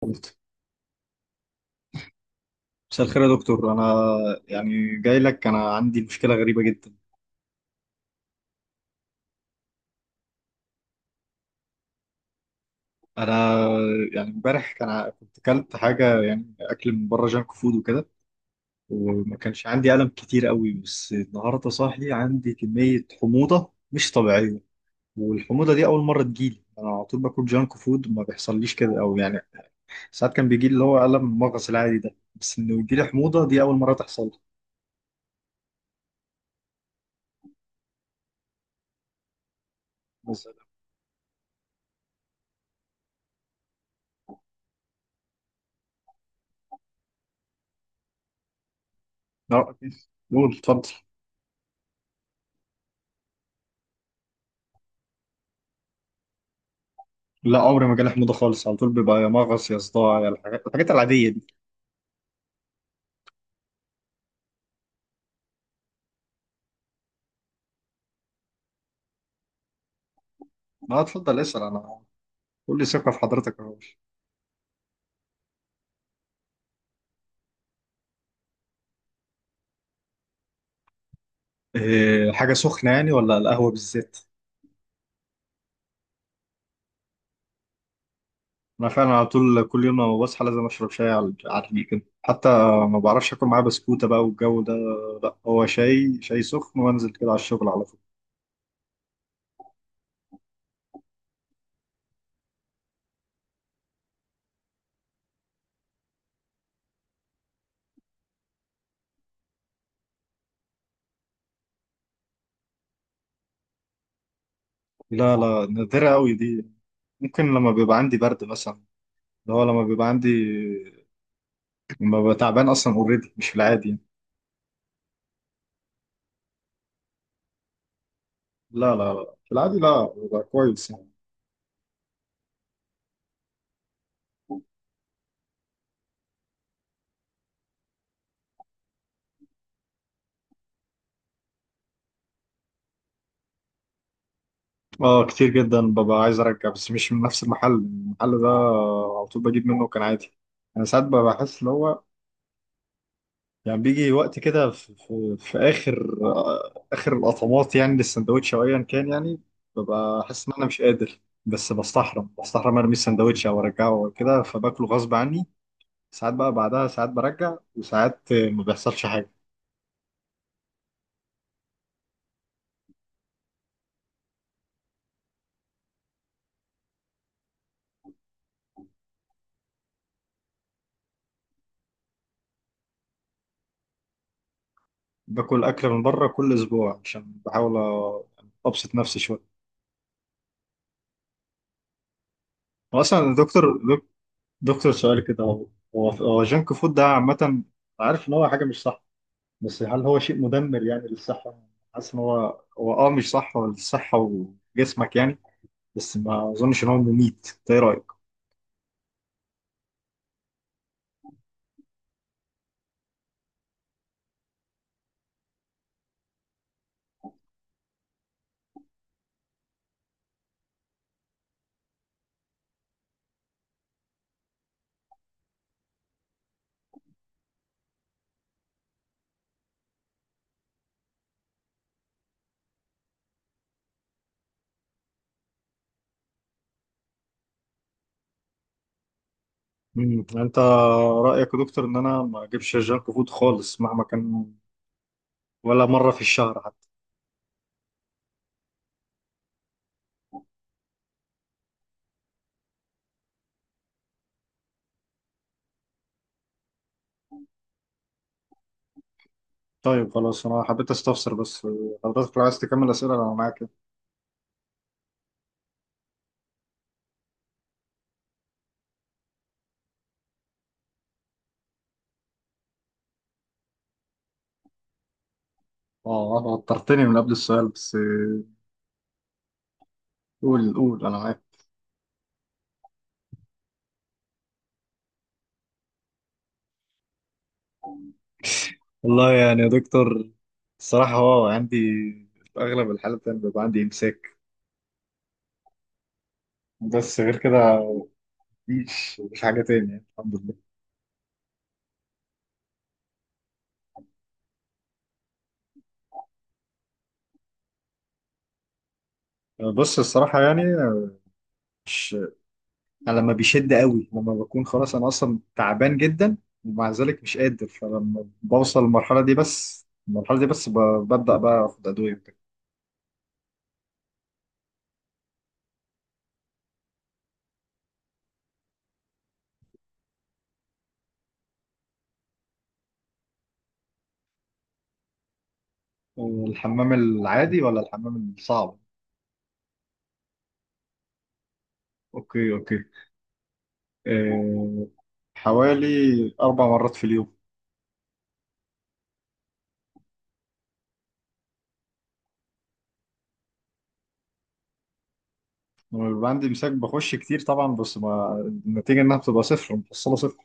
قلت مساء الخير يا دكتور. انا يعني جاي لك، انا عندي مشكله غريبه جدا. انا يعني امبارح كنت اكلت حاجه، يعني اكل من بره، جانك فود وكده، وما كانش عندي الم كتير قوي، بس النهارده صاحي عندي كميه حموضه مش طبيعيه. والحموضه دي اول مره تجيلي، انا على طول باكل جانك فود ما بيحصليش كده، او يعني ساعات كان بيجي لي اللي هو الم المغص العادي ده، بس انه يجيلي حموضه دي اول مره تحصل لي. بس- لا، قول اتفضل. لا عمري ما جالي حموضه خالص، على طول بيبقى يا مغص يا صداع يا الحاجات العاديه دي. ما اتفضل اسال انا، كل ثقه في حضرتك اهو. إيه، حاجه سخنه يعني ولا القهوه بالذات؟ انا فعلا على طول كل يوم لما بصحى لازم اشرب شاي على الريق كده، حتى ما بعرفش اكل معاه بسكوته بقى والجو ده. لا، هو شاي سخن وانزل كده على الشغل على طول. لا لا، نادره قوي دي، ممكن لما بيبقى عندي برد مثلا، اللي هو لما بيبقى عندي لما ببقى تعبان اصلا اوريدي مش في العادي يعني. لا لا لا، في العادي لا، ببقى كويس يعني. اه كتير جدا ببقى عايز ارجع، بس مش من نفس المحل ده على طول بجيب منه كان عادي. انا ساعات ببقى بحس اللي هو، يعني بيجي وقت كده في اخر القطمات يعني للسندوتش او ايا كان يعني، ببقى احس ان انا مش قادر، بس بستحرم ارمي السندوتش او ارجعه او كده، فباكله غصب عني. ساعات بقى بعدها ساعات برجع، وساعات ما بيحصلش حاجه. باكل اكل من بره كل اسبوع عشان بحاول ابسط نفسي شويه. هو اصلا الدكتور، دكتور سؤال كده، هو هو جانك فود ده عامة، عارف إن هو حاجة مش صح، بس هل هو شيء مدمر يعني للصحة؟ حاسس إن هو مش صح للصحة وجسمك يعني، بس ما أظنش إن هو مميت، أنت إيه رأيك؟ مم. أنت رأيك يا دكتور إن أنا ما أجيبش جانك فود خالص مهما كان، ولا مرة في الشهر حتى؟ طيب خلاص، أنا حبيت أستفسر بس، حضرتك لو عايز تكمل أسئلة أنا معاك. أه، أنا وترتني من قبل السؤال بس، قول قول أنا معاك. والله يعني يا دكتور، الصراحة هو عندي في أغلب الحالات أنا بيبقى عندي إمساك، بس غير كده، مفيش حاجة تاني يعني الحمد لله. بص الصراحة يعني، مش أنا لما بيشد قوي، لما بكون خلاص أنا أصلا تعبان جدا ومع ذلك مش قادر، فلما بوصل للمرحلة دي، بس المرحلة دي بس ببدأ بقى آخد أدوية وبتاع. الحمام العادي ولا الحمام الصعب؟ أوكي أوكي، أه حوالي 4 مرات في اليوم. عندي مساك بخش كتير طبعا، بس ما النتيجة انها بتبقى صفر، محصلة صفر.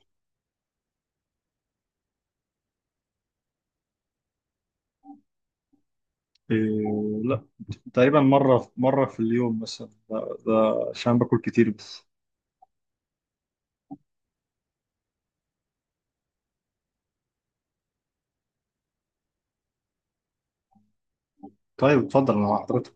إيه لا، تقريبا مرة في اليوم مثلا، ده عشان باكل كتير بس. طيب اتفضل انا مع حضرتك.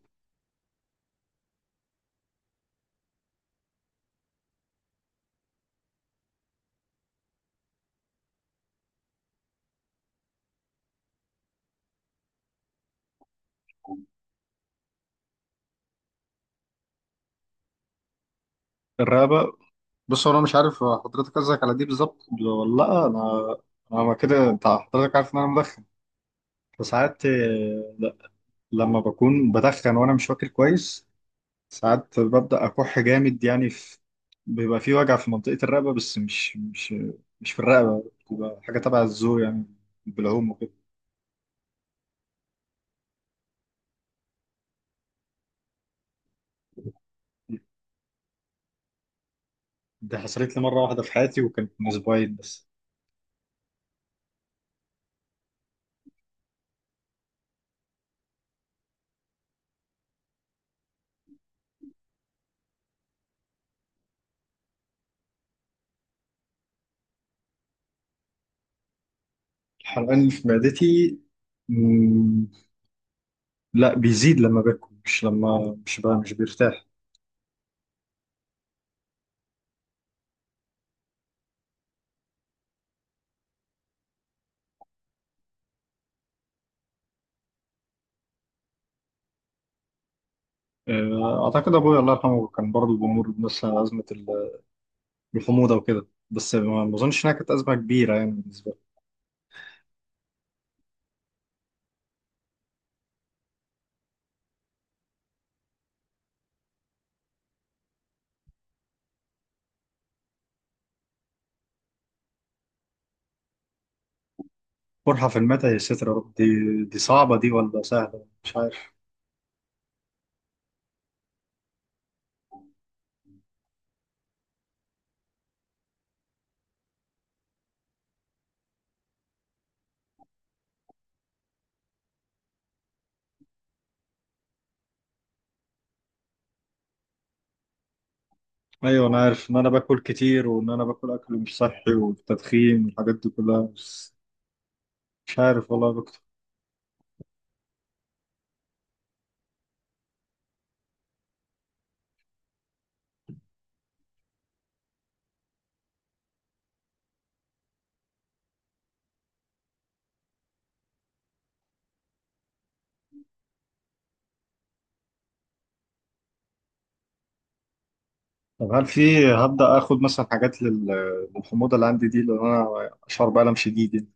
الرقبة، بص هو انا مش عارف، حضرتك قصدك على دي بالظبط ولا لا، انا كده انت حضرتك عارف ان انا مدخن، فساعات لا، لما بكون بدخن وانا مش واكل كويس، ساعات ببدأ أكح جامد يعني، بيبقى في وجع في منطقة الرقبة، بس مش في الرقبة، بتبقى حاجة تبع الزور يعني، بالعوم وكده. دي حصلت لي مرة واحدة في حياتي، وكانت من أسبوعين بس. الحرقان اللي في معدتي، مم، لا بيزيد لما باكل، مش لما، مش بقى مش بيرتاح. أعتقد أبويا الله يرحمه كان برضه بيمر بنفس أزمة الحموضة وكده، بس ما أظنش إنها كانت أزمة كبيرة يعني بالنسبة لي. قرحة في المعدة؟ يا ساتر يا رب، دي صعبة دي ولا سهلة مش عارف. ايوه انا عارف ان انا باكل كتير وان انا باكل اكل مش صحي والتدخين والحاجات دي كلها، بس مش عارف والله يا دكتور. طب هل في، هبدا اخد مثلا حاجات للحموضه اللي عندي دي لان انا اشعر بالم شديد يعني.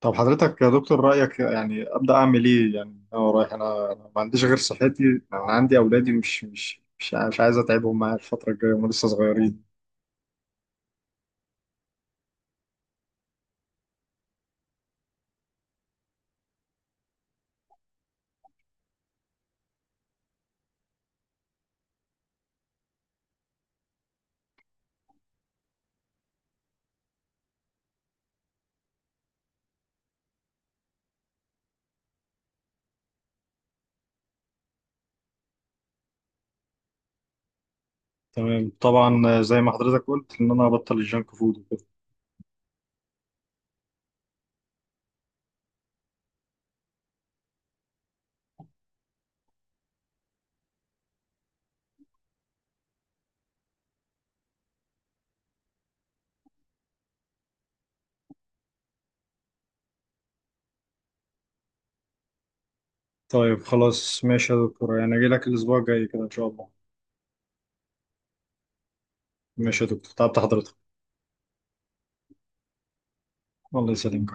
طب حضرتك يا دكتور رايك يعني ابدا اعمل ايه يعني، انا رايح، انا ما عنديش غير صحتي، انا عندي اولادي، مش عايز اتعبهم معايا الفتره الجايه، هم لسه صغيرين. تمام طبعا زي ما حضرتك قلت ان انا ابطل الجنك فود وكده. طيب خلاص ماشي يا دكتور، يعني اجي لك الاسبوع الجاي كده ان شاء الله. ماشي يا دكتور، تعبت حضرتك. الله يسلمك.